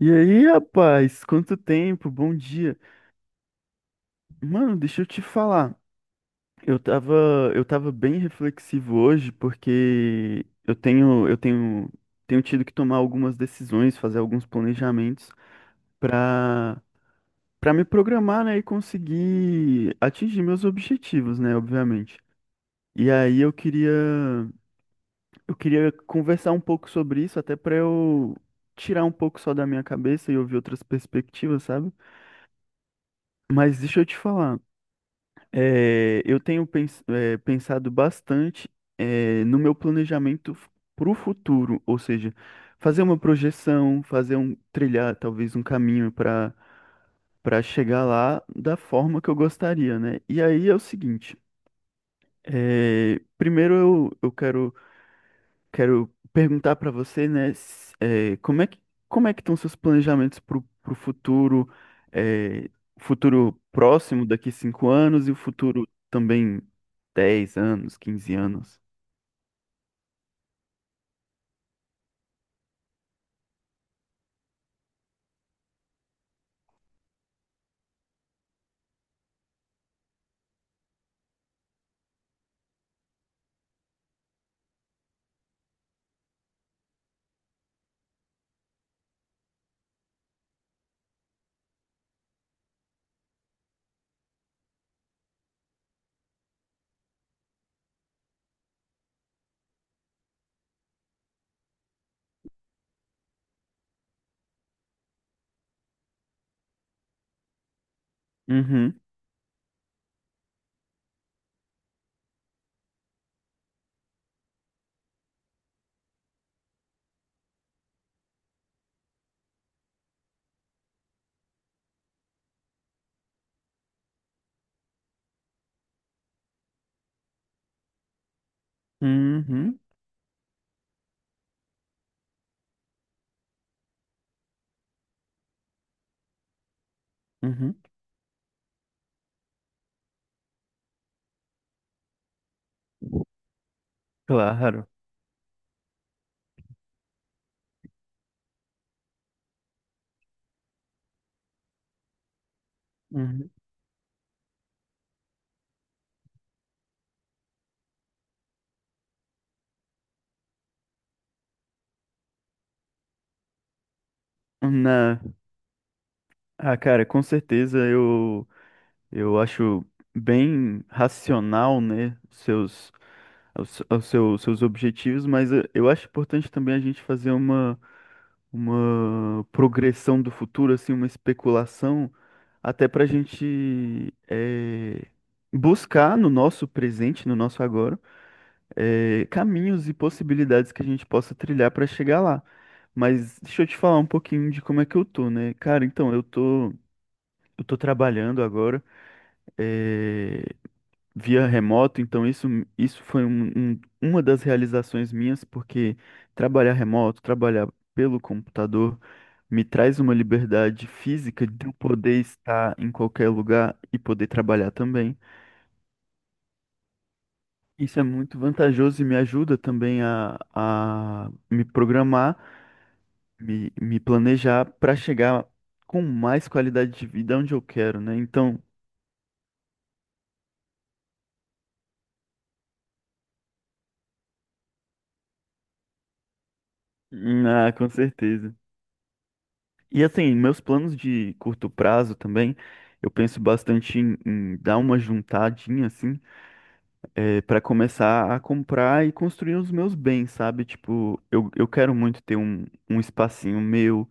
E aí, rapaz, quanto tempo, bom dia. Mano, deixa eu te falar. Eu tava, eu tava bem reflexivo hoje porque tenho tido que tomar algumas decisões, fazer alguns planejamentos pra para me programar, né, e conseguir atingir meus objetivos, né, obviamente. E aí eu queria conversar um pouco sobre isso, até pra eu tirar um pouco só da minha cabeça e ouvir outras perspectivas, sabe? Mas deixa eu te falar. É, eu tenho pensado bastante, no meu planejamento para o futuro, ou seja, fazer uma projeção, fazer um trilhar talvez um caminho para chegar lá da forma que eu gostaria, né? E aí é o seguinte, primeiro eu quero perguntar para você, né, como é que estão seus planejamentos para o futuro, eh, futuro próximo daqui 5 anos e o futuro também 10 anos, 15 anos? Uhum, uhum, uhum. Claro. Uhum. Na... Ah, cara, com certeza eu, acho bem racional, né, os seus objetivos, mas eu acho importante também a gente fazer uma progressão do futuro, assim, uma especulação, até para a gente buscar no nosso presente, no nosso agora, caminhos e possibilidades que a gente possa trilhar para chegar lá. Mas deixa eu te falar um pouquinho de como é que eu tô, né? Cara, então, eu tô trabalhando agora, eh, via remoto, então isso foi uma das realizações minhas, porque trabalhar remoto, trabalhar pelo computador, me traz uma liberdade física de eu poder estar em qualquer lugar e poder trabalhar também. Isso é muito vantajoso e me ajuda também a me programar, me planejar para chegar com mais qualidade de vida onde eu quero, né? Então, ah, com certeza. E assim, meus planos de curto prazo também, eu penso bastante em dar uma juntadinha, assim, para começar a comprar e construir os meus bens, sabe? Tipo, eu quero muito ter um espacinho meu.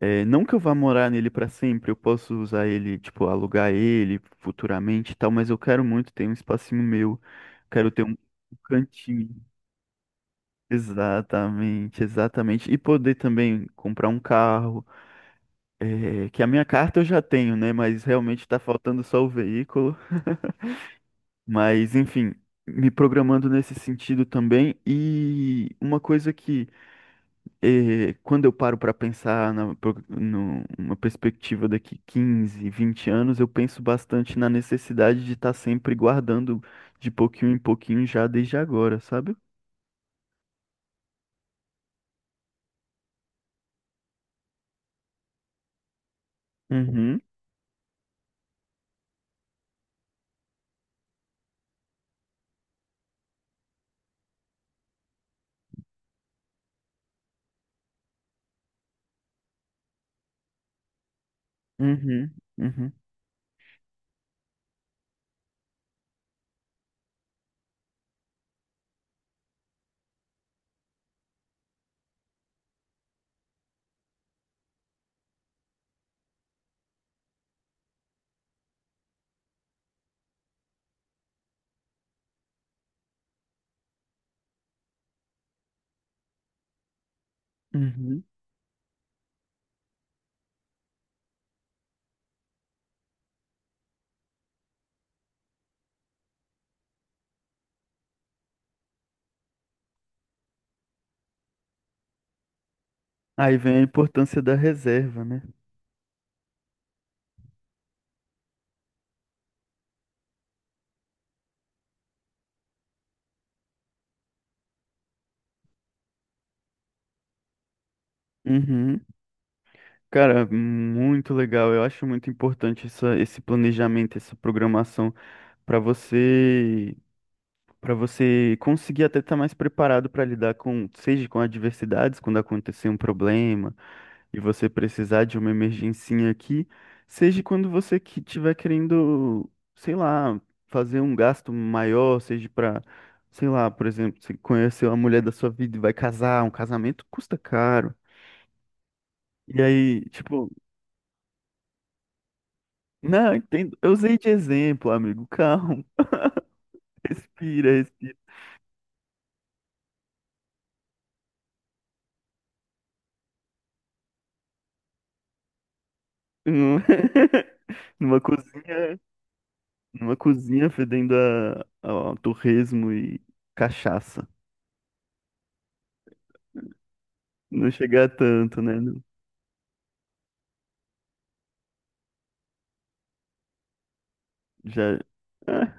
Não que eu vá morar nele para sempre, eu posso usar ele, tipo, alugar ele futuramente e tal, mas eu quero muito ter um espacinho meu. Quero ter um cantinho. Exatamente, exatamente. E poder também comprar um carro. É, que a minha carta eu já tenho, né? Mas realmente tá faltando só o veículo. Mas, enfim, me programando nesse sentido também. E uma coisa que, quando eu paro para pensar na, pro- no- numa perspectiva daqui 15, 20 anos, eu penso bastante na necessidade de estar sempre guardando de pouquinho em pouquinho já desde agora, sabe? Uhum, uhum, uhum, uhum. Aí vem a importância da reserva, né? Uhum. Cara, muito legal. Eu acho muito importante esse planejamento, essa programação para você, para você conseguir até estar mais preparado para lidar com, seja com adversidades, quando acontecer um problema e você precisar de uma emergência aqui, seja quando você que tiver querendo, sei lá, fazer um gasto maior, seja para, sei lá, por exemplo, você conheceu a mulher da sua vida e vai casar, um casamento custa caro. E aí, tipo. Não, entendo. Eu usei de exemplo, amigo. Calma. Respira, respira. Hum. Numa cozinha, numa cozinha fedendo a, torresmo e cachaça. Não chegar tanto, né? Já. Ah.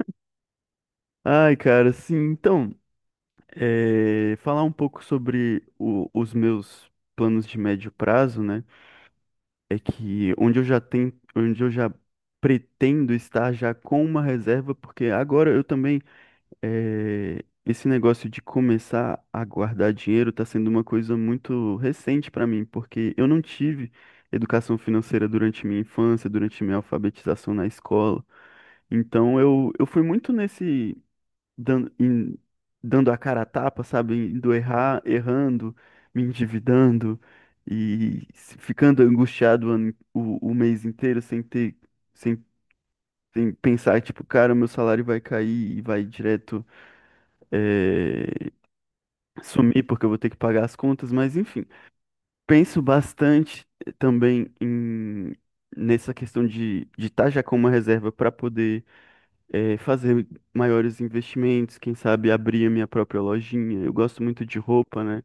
Ai, cara, sim. Então, falar um pouco sobre os meus planos de médio prazo, né? É que onde eu já pretendo estar já com uma reserva, porque agora eu também. É, esse negócio de começar a guardar dinheiro está sendo uma coisa muito recente para mim, porque eu não tive educação financeira durante minha infância, durante minha alfabetização na escola. Então eu fui muito nesse dando, em- dando a cara a tapa, sabe? Indo errar, errando, me endividando e ficando angustiado o, ano- o mês inteiro sem ter, sem, sem pensar, tipo, cara, meu salário vai cair e vai direto, eh, sumir porque eu vou ter que pagar as contas, mas enfim. Penso bastante também nessa questão de estar já com uma reserva para poder fazer maiores investimentos, quem sabe abrir a minha própria lojinha. Eu gosto muito de roupa, né?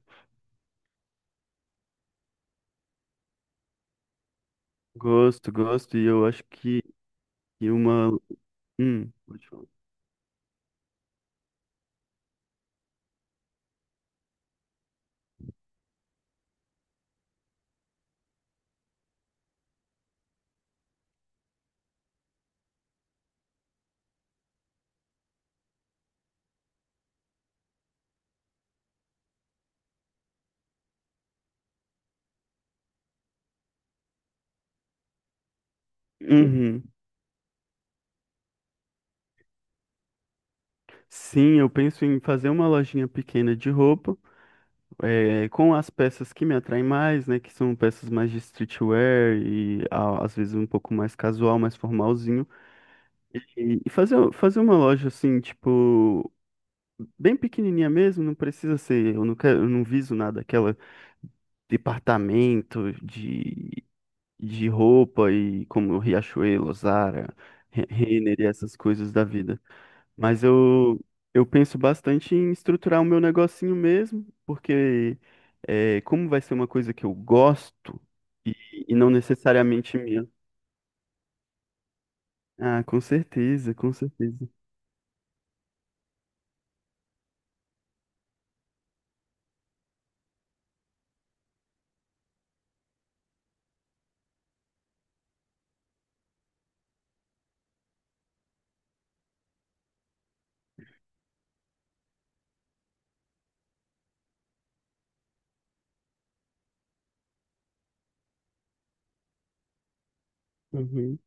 Gosto, gosto, e eu acho que uma. Pode falar. Uhum. Sim, eu penso em fazer uma lojinha pequena de roupa, com as peças que me atraem mais, né? Que são peças mais de streetwear e às vezes um pouco mais casual, mais formalzinho. E fazer uma loja assim, tipo, bem pequenininha mesmo, não precisa ser, eu não quero, eu não viso nada, aquela departamento de roupa e como Riachuelo, Zara, Renner e essas coisas da vida. Mas eu penso bastante em estruturar o meu negocinho mesmo, porque como vai ser uma coisa que eu gosto e, e não necessariamente minha. Ah, com certeza, com certeza. Uhum.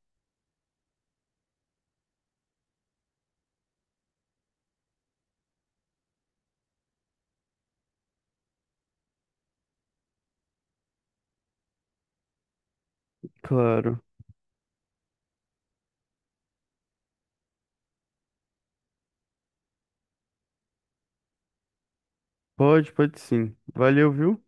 Claro. Pode, pode sim. Valeu, viu?